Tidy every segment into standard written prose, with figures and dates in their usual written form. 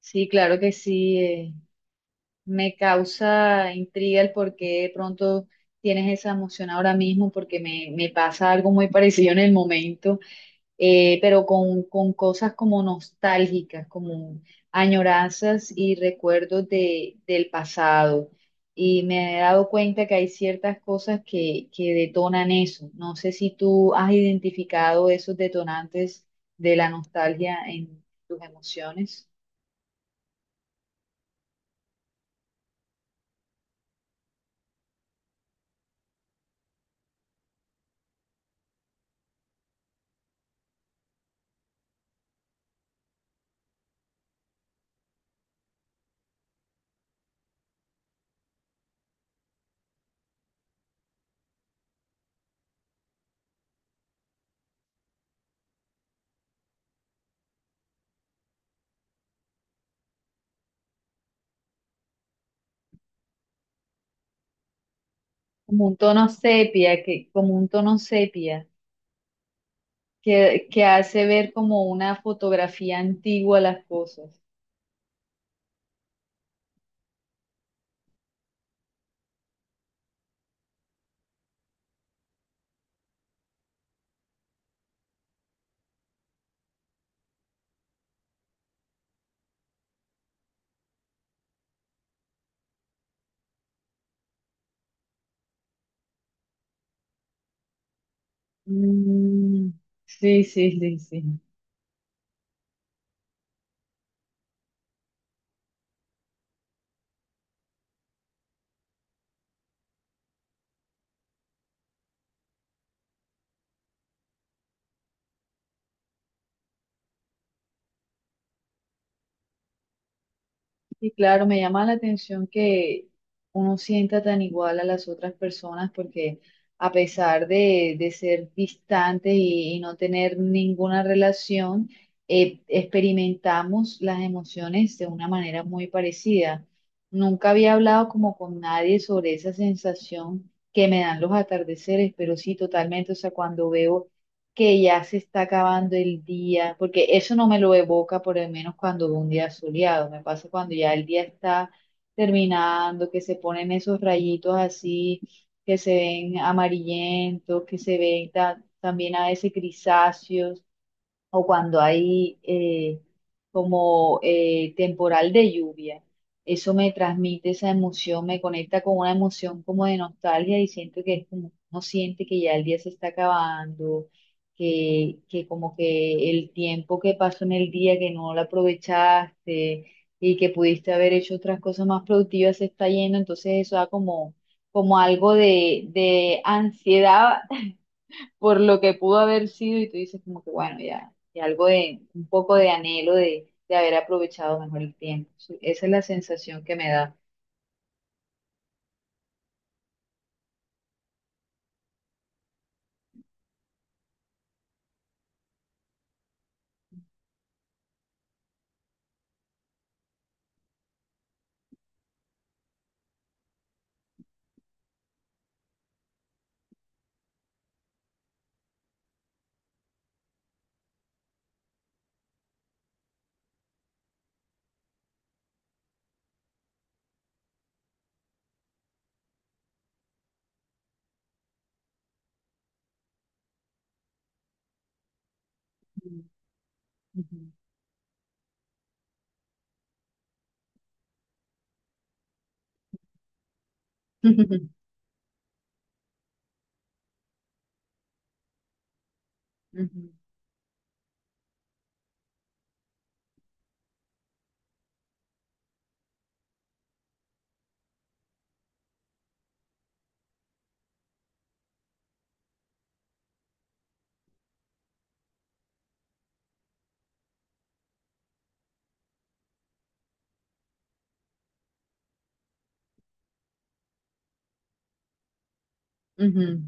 Sí, claro que sí. Me causa intriga el por qué de pronto tienes esa emoción ahora mismo, porque me pasa algo muy parecido en el momento, pero con cosas como nostálgicas, como añoranzas y recuerdos del pasado. Y me he dado cuenta que hay ciertas cosas que detonan eso. No sé si tú has identificado esos detonantes de la nostalgia en tus emociones. Como un tono sepia, como un tono sepia, que hace ver como una fotografía antigua las cosas. Mm, sí, sí, sí, sí. Y claro, me llama la atención que uno sienta tan igual a las otras personas porque a pesar de ser distantes y no tener ninguna relación, experimentamos las emociones de una manera muy parecida. Nunca había hablado como con nadie sobre esa sensación que me dan los atardeceres, pero sí totalmente, o sea, cuando veo que ya se está acabando el día, porque eso no me lo evoca por lo menos cuando veo un día soleado, me pasa cuando ya el día está terminando, que se ponen esos rayitos así, que se ven amarillentos, que se ven también a veces grisáceos o cuando hay como temporal de lluvia. Eso me transmite esa emoción, me conecta con una emoción como de nostalgia y siento que es como, uno siente que ya el día se está acabando, que como que el tiempo que pasó en el día que no lo aprovechaste y que pudiste haber hecho otras cosas más productivas se está yendo, entonces eso da como, como algo de ansiedad por lo que pudo haber sido y tú dices como que bueno, ya algo de, un poco de anhelo de haber aprovechado mejor el tiempo. Sí, esa es la sensación que me da. Ujú. Ujú, ujú, ujú.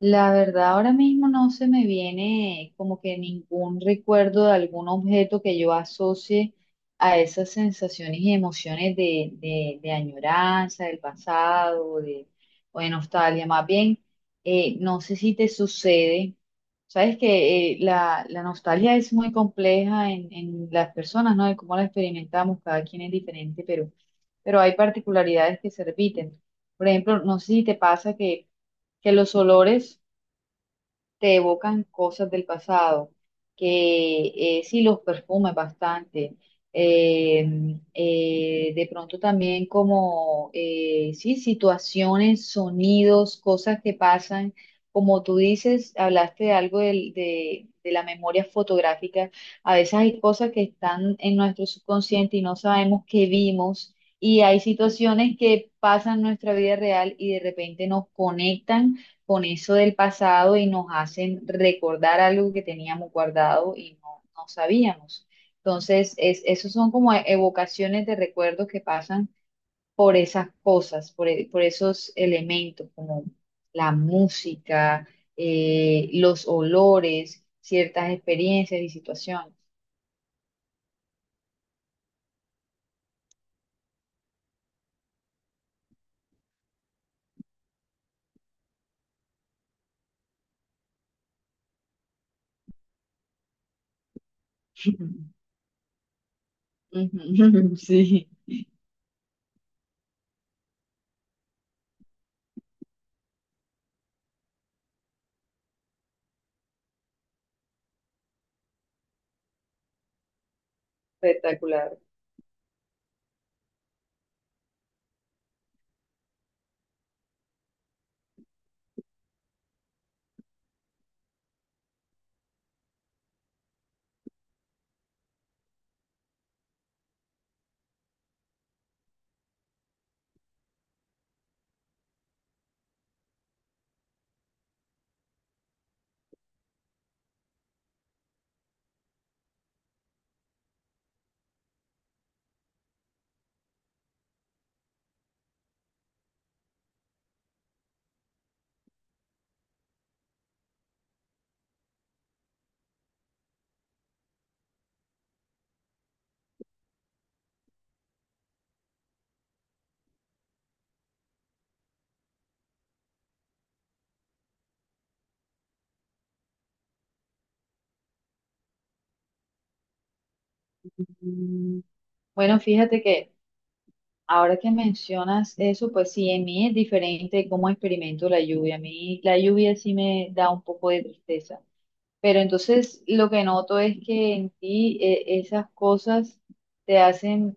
La verdad, ahora mismo no se me viene como que ningún recuerdo de algún objeto que yo asocie a esas sensaciones y emociones de añoranza, del pasado, de, o de nostalgia. Más bien, no sé si te sucede, sabes que la nostalgia es muy compleja en las personas, ¿no? De cómo la experimentamos, cada quien es diferente, pero hay particularidades que se repiten. Por ejemplo, no sé si te pasa que los olores te evocan cosas del pasado, que sí los perfumes bastante. eh, de pronto también como, sí, situaciones, sonidos, cosas que pasan. Como tú dices, hablaste de algo de la memoria fotográfica. A veces hay cosas que están en nuestro subconsciente y no sabemos que vimos. Y hay situaciones que pasan en nuestra vida real y de repente nos conectan con eso del pasado y nos hacen recordar algo que teníamos guardado y no sabíamos. Entonces, esos son como evocaciones de recuerdos que pasan por esas cosas, por esos elementos, como la música, los olores, ciertas experiencias y situaciones. Ujú, sí, espectacular. Mm, bueno, fíjate que ahora que mencionas eso, pues sí, en mí es diferente cómo experimento la lluvia. A mí la lluvia sí me da un poco de tristeza, pero entonces lo que noto es que en ti esas cosas te hacen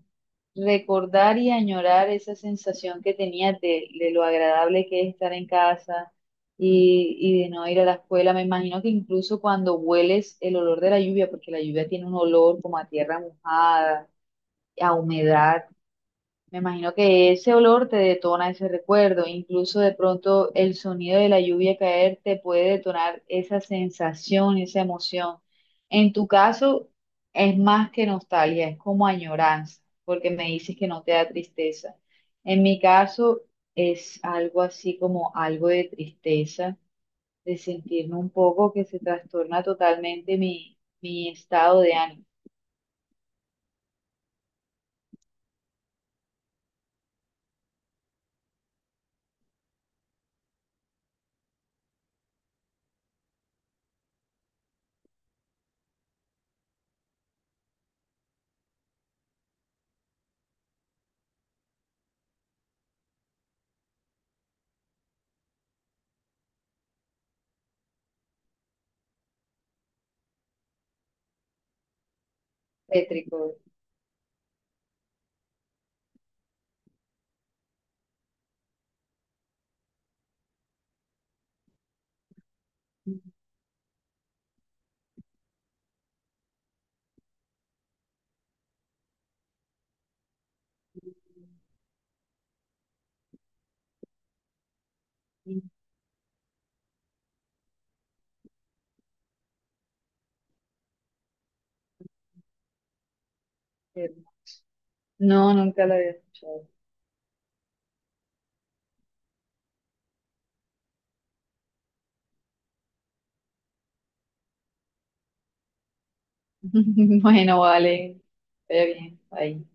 recordar y añorar esa sensación que tenías de lo agradable que es estar en casa y de no ir a la escuela. Me imagino que incluso cuando hueles el olor de la lluvia, porque la lluvia tiene un olor como a tierra mojada, a humedad, me imagino que ese olor te detona ese recuerdo, incluso de pronto el sonido de la lluvia caer te puede detonar esa sensación, esa emoción. En tu caso es más que nostalgia, es como añoranza, porque me dices que no te da tristeza. En mi caso es algo así como algo de tristeza, de sentirme un poco que se trastorna totalmente mi estado de ánimo, tétrico. Eh, No, nunca la había escuchado. Bueno, vale. Está bien. Ahí.